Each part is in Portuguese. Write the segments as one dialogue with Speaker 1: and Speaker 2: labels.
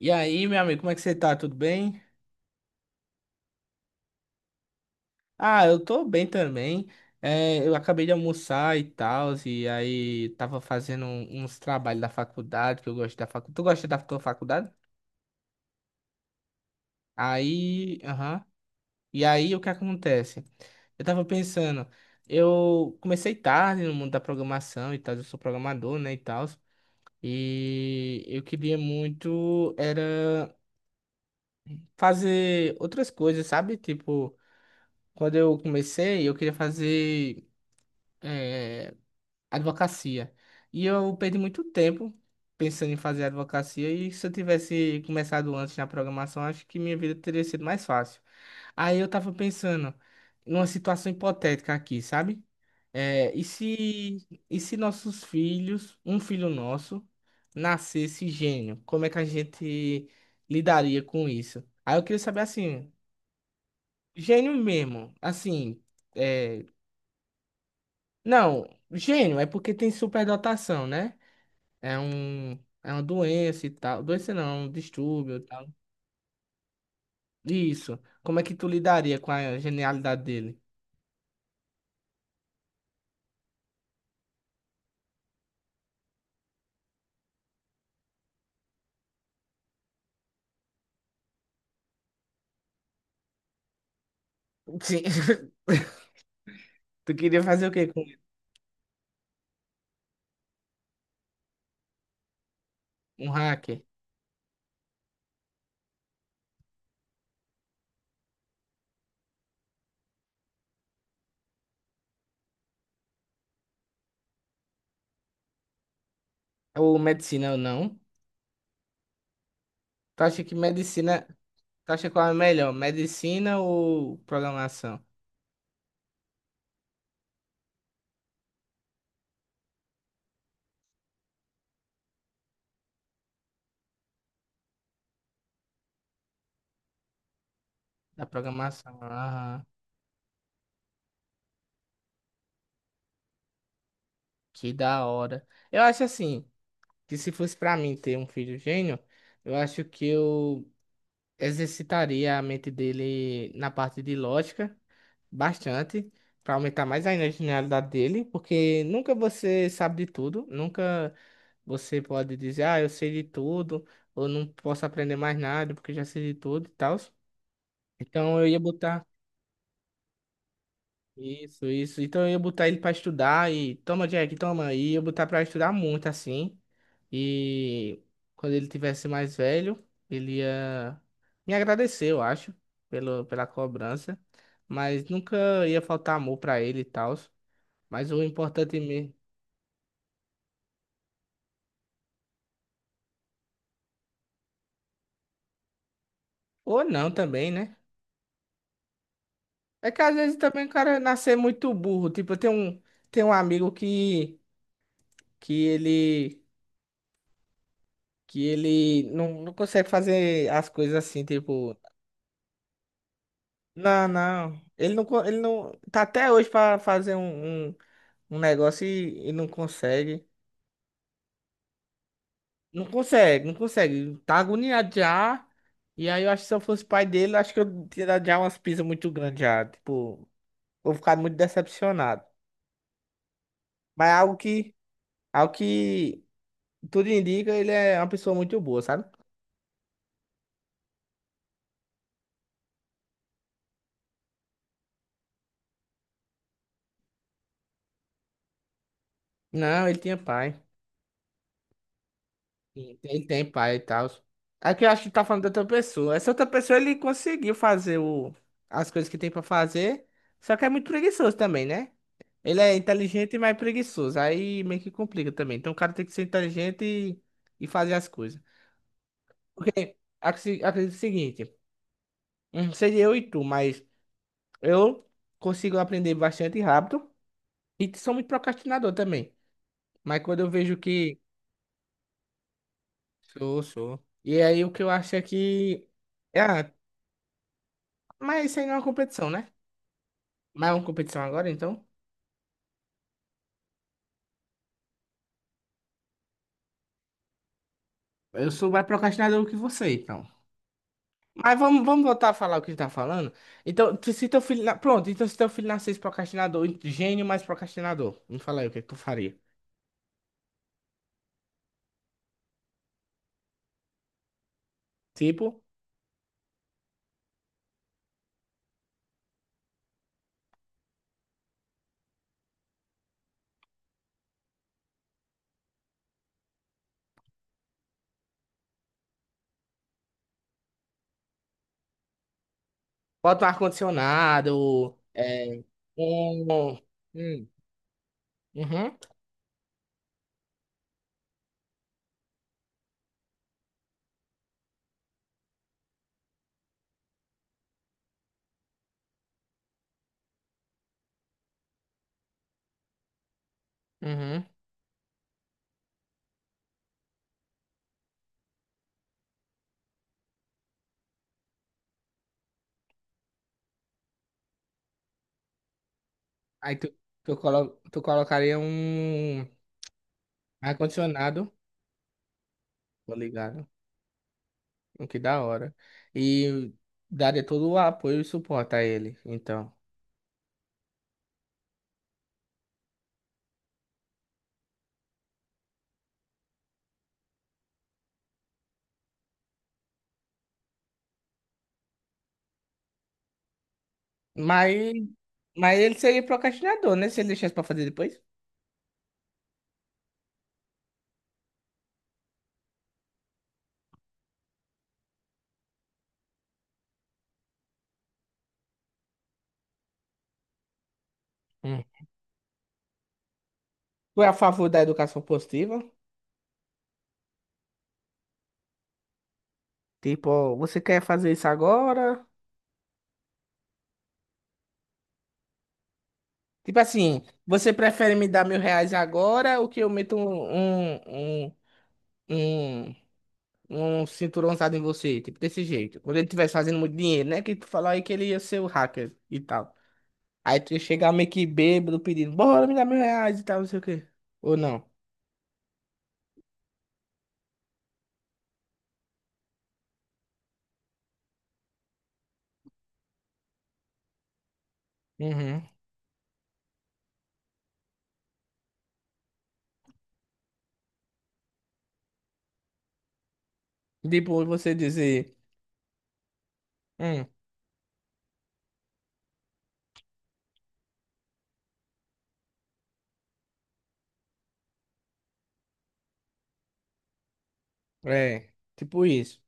Speaker 1: E aí, meu amigo, como é que você tá? Tudo bem? Ah, eu tô bem também. É, eu acabei de almoçar e tal, e aí tava fazendo uns trabalhos da faculdade, que eu gosto da faculdade. Tu gosta da tua faculdade? Aí, aham. E aí, o que acontece? Eu tava pensando, eu comecei tarde no mundo da programação e tal, eu sou programador, né, e tal, e eu queria muito era fazer outras coisas, sabe? Tipo, quando eu comecei, eu queria fazer é, advocacia. E eu perdi muito tempo pensando em fazer advocacia. E se eu tivesse começado antes na programação, acho que minha vida teria sido mais fácil. Aí eu tava pensando numa situação hipotética aqui, sabe? E se nossos filhos, um filho nosso, nascesse gênio? Como é que a gente lidaria com isso? Aí eu queria saber assim, gênio mesmo, assim. é, Não, gênio é porque tem superdotação, né? É um, é uma doença e tal. Doença não, é um distúrbio e tal. Isso. Como é que tu lidaria com a genialidade dele? Sim. Tu queria fazer o quê com um hacker? Ou medicina ou não? Tu acha que medicina. Tu acha qual é melhor? Medicina ou programação? Da programação. Ah, que da hora. Eu acho assim, que se fosse pra mim ter um filho gênio, eu acho que eu exercitaria a mente dele na parte de lógica bastante, para aumentar mais ainda a genialidade dele, porque nunca você sabe de tudo, nunca você pode dizer, ah, eu sei de tudo, ou não posso aprender mais nada porque já sei de tudo e tal. Então eu ia botar isso, isso. Então eu ia botar ele para estudar e toma, Jack, toma, e ia botar para estudar muito assim. E quando ele tivesse mais velho, ele ia me agradecer, eu acho, pela cobrança. Mas nunca ia faltar amor pra ele e tal. Mas o importante mesmo. Ou não também, né? É que às vezes também o cara nascer muito burro. Tipo, tenho um amigo que ele. Que ele não consegue fazer as coisas assim, tipo. Não, não. Ele não. Tá até hoje pra fazer um negócio e não consegue. Não consegue, não consegue. Tá agoniado já. E aí eu acho que se eu fosse pai dele, acho que eu teria dado já umas pisas muito grandes já. Tipo, vou ficar muito decepcionado. Mas é algo que tudo indica, ele é uma pessoa muito boa, sabe? Não, ele tinha pai. Ele tem pai e tal. É que eu acho que tá falando de outra pessoa. Essa outra pessoa, ele conseguiu fazer as coisas que tem pra fazer. Só que é muito preguiçoso também, né? Ele é inteligente, mas preguiçoso. Aí meio que complica também. Então o cara tem que ser inteligente e fazer as coisas. Acredito o seguinte, seria eu e tu, mas eu consigo aprender bastante rápido e sou muito procrastinador também. Mas quando eu vejo que sou, sou. E aí o que eu acho é que ah, mas isso aí não é uma competição, né? Mas é uma competição agora, então. Eu sou mais procrastinador que você, então. Mas vamos voltar a falar o que a gente tá falando. Então, tu- se teu filho. Na- Pronto, então se teu filho nascesse procrastinador, gênio mais procrastinador. Me fala aí o que é que tu faria. Tipo, bota um ar-condicionado. É, um. Hum, Uhum, uhum. Aí tu, colo, tu colocaria um ar-condicionado, tô ligado? O que da hora. E daria todo o apoio e suporte a ele, então. Mas, mas ele seria procrastinador, né? Se ele deixasse pra fazer depois. Tu é a favor da educação positiva? Tipo, ó, você quer fazer isso agora? Tipo assim, você prefere me dar R$ 1.000 agora ou que eu meto um, um cinturãozado em você? Tipo, desse jeito. Quando ele estivesse fazendo muito dinheiro, né? Que tu falou aí que ele ia ser o hacker e tal. Aí tu ia chegar meio que bêbado pedindo, bora me dar R$ 1.000 e tal, não sei o quê. Ou não. Uhum. Tipo, você dizer, hum, é, tipo isso.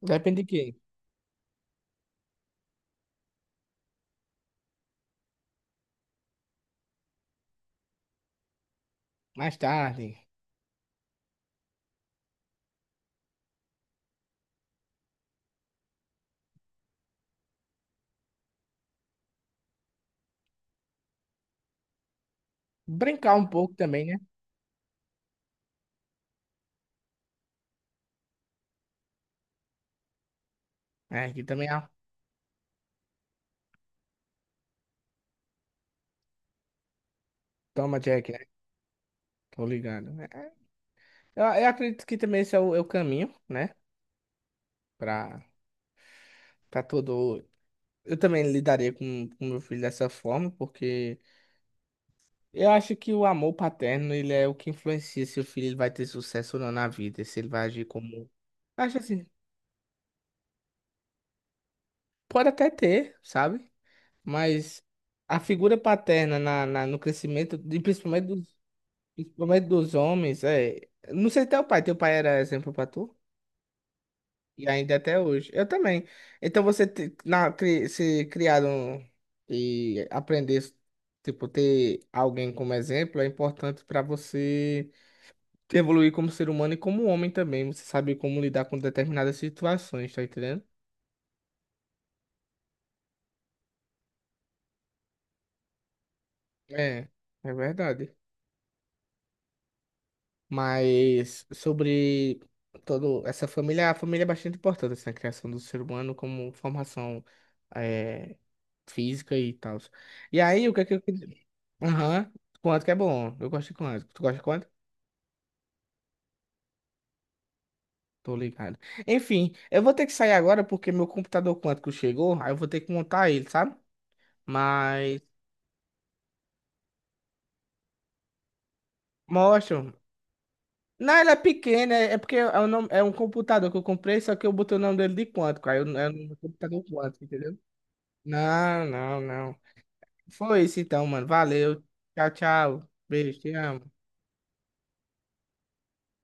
Speaker 1: Depende de quê? Mais tarde. Brincar um pouco também, né? É, aqui também, ó. Toma, Jack, né? Tô ligado. É, eu acredito que também esse é o caminho, né? Pra, pra todo. Eu também lidaria com o meu filho dessa forma, porque eu acho que o amor paterno, ele é o que influencia se o filho ele vai ter sucesso ou não na vida, se ele vai agir como. Acho assim, pode até ter, sabe? Mas a figura paterna no crescimento, de, principalmente, principalmente dos homens, é. Não sei até o pai, teu pai era exemplo pra tu? E ainda é até hoje. Eu também. Então você se criaram e aprender, tipo, ter alguém como exemplo é importante para você evoluir como ser humano e como homem também. Você sabe como lidar com determinadas situações, tá entendendo? É, é verdade. Mas sobre toda essa família, a família é bastante importante assim, na criação do ser humano como formação eh, física e tal. E aí, o que é que eu queria? Aham, quanto que é bom. Eu gosto de quanto. Tu gosta de quanto? Tô ligado. Enfim, eu vou ter que sair agora porque meu computador quântico chegou, aí eu vou ter que montar ele, sabe? Mas mostra Não, ele é pequeno, é porque é um computador que eu comprei, só que eu botei o nome dele de quântico, é um computador quântico, entendeu? Não, não, não. Foi isso então, mano. Valeu. Tchau, tchau. Beijo, te amo.